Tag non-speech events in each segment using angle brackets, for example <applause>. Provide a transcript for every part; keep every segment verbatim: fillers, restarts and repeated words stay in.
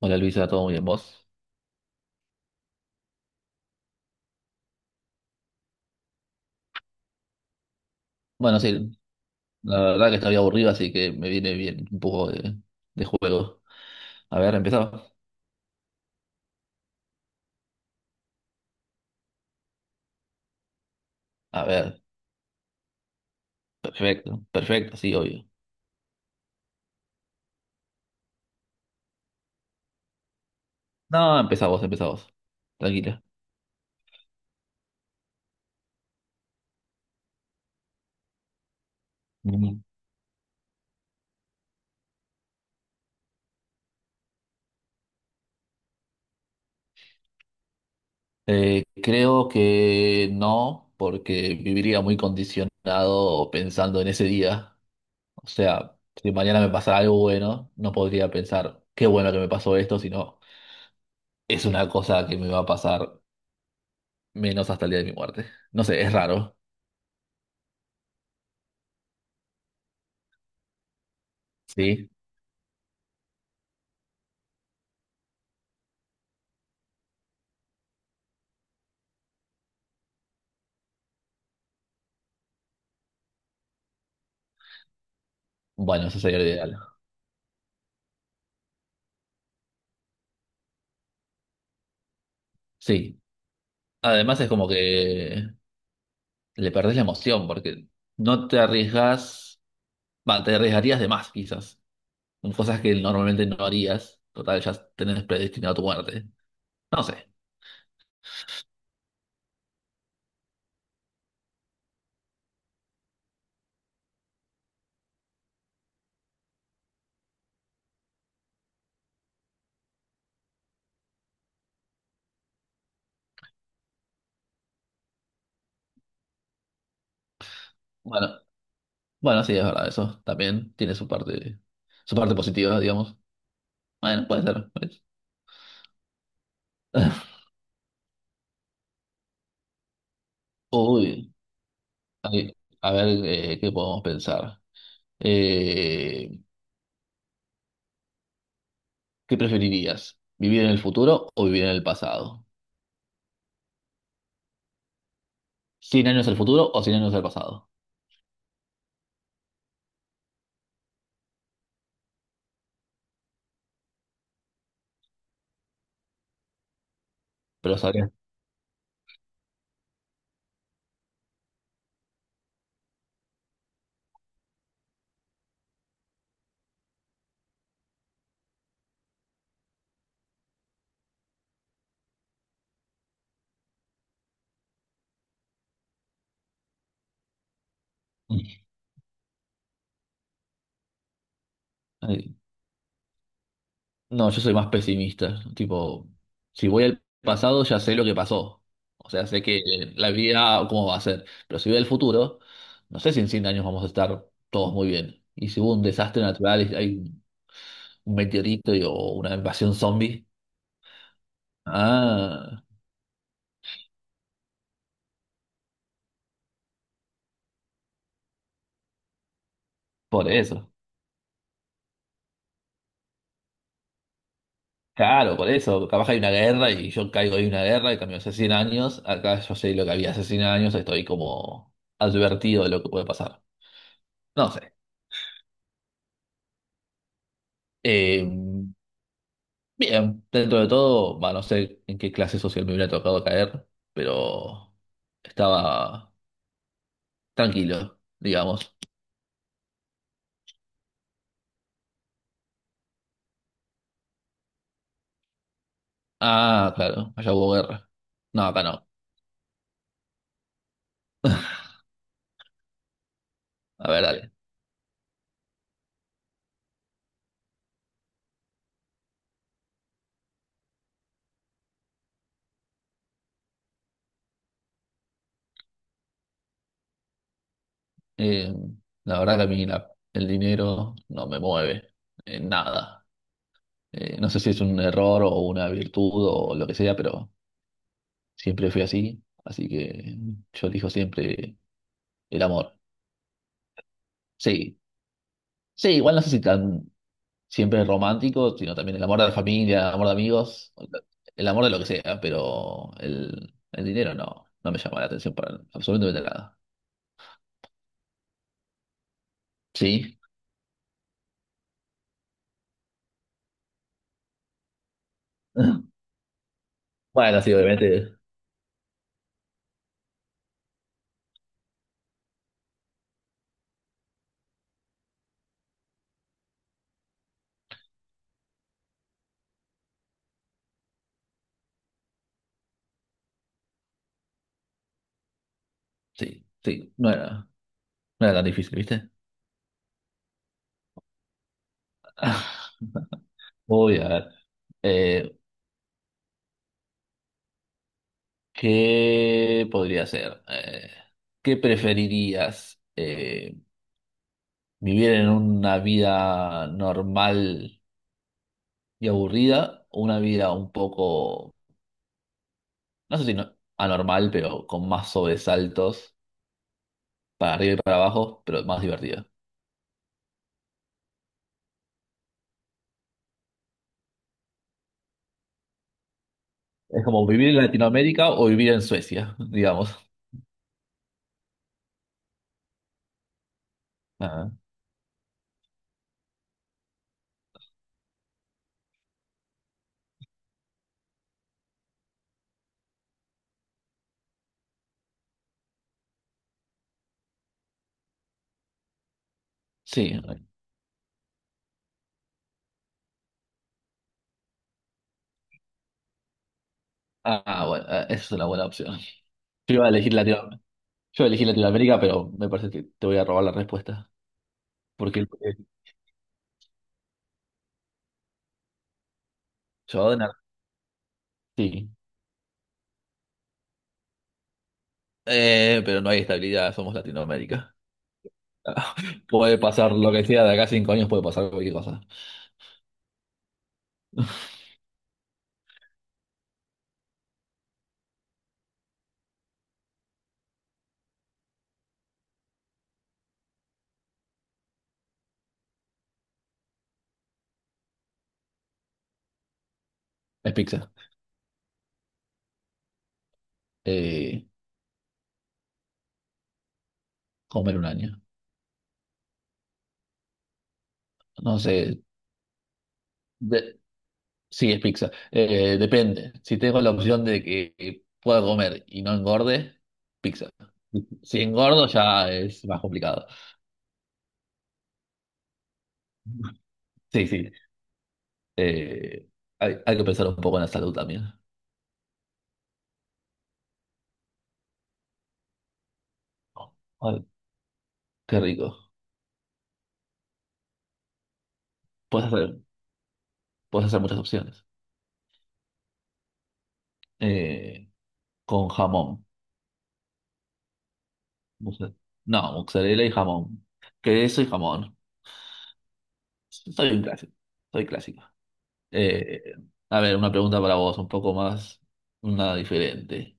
Hola Luisa, ¿todo muy bien vos? Bueno, sí, la verdad que estaba aburrido, así que me viene bien un poco de, de juego. A ver, empezamos. A ver, perfecto, perfecto, sí, obvio. No, empezá vos, empezá vos. Tranquila. Mm. Eh, creo que no, porque viviría muy condicionado pensando en ese día. O sea, si mañana me pasara algo bueno, no podría pensar qué bueno que me pasó esto, sino es una cosa que me va a pasar menos hasta el día de mi muerte. No sé, es raro. Sí, bueno, eso sería lo ideal. Sí, además es como que le perdés la emoción porque no te arriesgas, va, te arriesgarías de más quizás, con cosas que normalmente no harías. Total, ya tenés predestinado tu muerte. No sé. Bueno, bueno, sí, es verdad, eso también tiene su parte, su parte positiva, digamos. Bueno, puede ser. Pues. <laughs> Uy, Ay, a ver, eh, ¿qué podemos pensar? Eh, ¿Qué preferirías? ¿Vivir en el futuro o vivir en el pasado? Cien años al futuro o cien años al pasado. Pero sabría. Ay, no, yo soy más pesimista. Tipo, si voy al pasado ya sé lo que pasó. O sea, sé que la vida cómo va a ser. Pero si voy al futuro, no sé si en cien años vamos a estar todos muy bien. Y si hubo un desastre natural, y hay un meteorito y- o una invasión zombie. Ah, por eso. Claro, por eso, capaz hay una guerra y yo caigo en una guerra y cambió hace cien años, acá yo sé lo que había hace cien años, estoy como advertido de lo que puede pasar. No sé. Eh, bien, dentro de todo, va, no sé en qué clase social me hubiera tocado caer, pero estaba tranquilo, digamos. Ah, claro, allá hubo guerra. No, acá no. A ver, dale. Eh, la verdad que a mí la- el dinero no me mueve en nada. Eh, no sé si es un error o una virtud o lo que sea, pero siempre fui así. Así que yo elijo siempre el amor. Sí, sí, igual no sé si tan siempre romántico, sino también el amor de la familia, el amor de amigos, el amor de lo que sea, pero el, el dinero no, no me llama la atención para absolutamente nada. Sí. <laughs> Bueno, sí, obviamente. Sí, sí, no era, no era tan difícil, ¿viste? <laughs> Voy a ver. Eh, ¿Qué podría ser? Eh, ¿qué preferirías? Eh, ¿vivir en una vida normal y aburrida o una vida un poco, no sé si no- anormal, pero con más sobresaltos para arriba y para abajo, pero más divertida? Es como vivir en Latinoamérica o vivir en Suecia, <laughs> digamos. Ah, sí. Ah, bueno, eh, esa es una buena opción. Yo iba a elegir Latino- yo iba a elegir Latinoamérica, pero me parece que te voy a robar la respuesta. Porque <laughs> eh, yo, de Nar- sí. Eh, pero no hay estabilidad, somos Latinoamérica. <laughs> Puede pasar lo que sea, de acá a cinco años puede pasar cualquier cosa. <laughs> Es pizza. Eh, Comer un año. No sé. de- sí, es pizza. Eh, depende. Si tengo la opción de que, que pueda comer y no engorde, pizza. Si engordo ya es más complicado. <laughs> Sí, sí. Eh, hay, hay que pensar un poco en la salud también. Ay, qué rico. Puedes hacer, puedes hacer muchas opciones. Eh, con jamón. Moza- No, mozzarella y jamón. Queso y jamón. Soy un clásico. Soy clásico. Eh, a ver, una pregunta para vos, un poco más, una diferente.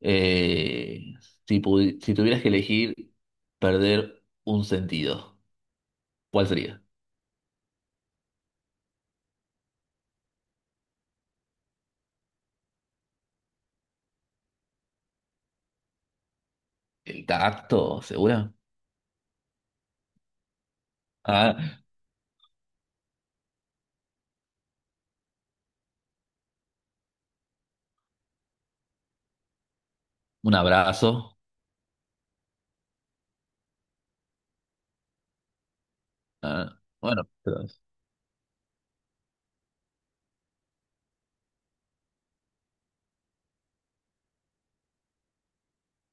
Eh, si, pudi- si tuvieras que elegir perder un sentido, ¿cuál sería? ¿El tacto, segura? Ah, un abrazo. Ah, bueno, pero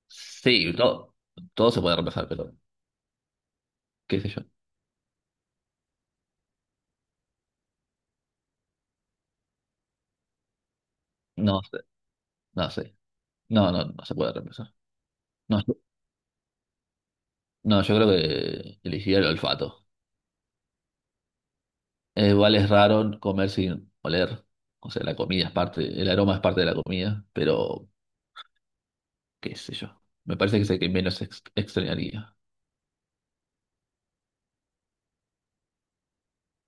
sí, todo, todo se puede reemplazar, pero qué sé yo. No sé, no sé. No, no, no se puede reemplazar. No, no, yo creo que elegiría el olfato. Eh, igual es raro comer sin oler. O sea, la comida es parte, el aroma es parte de la comida, pero qué sé yo. Me parece que es el que menos ex- extrañaría.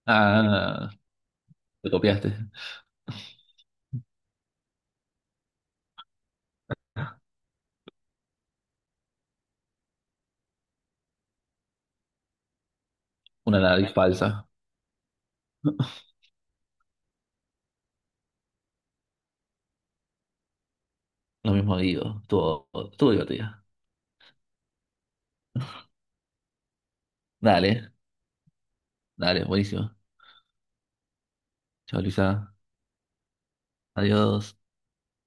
Ah, te copiaste. Una nariz falsa. <laughs> Lo mismo digo. Estuvo, estuvo divertida. Dale, dale, buenísimo. Chao, Luisa. Adiós.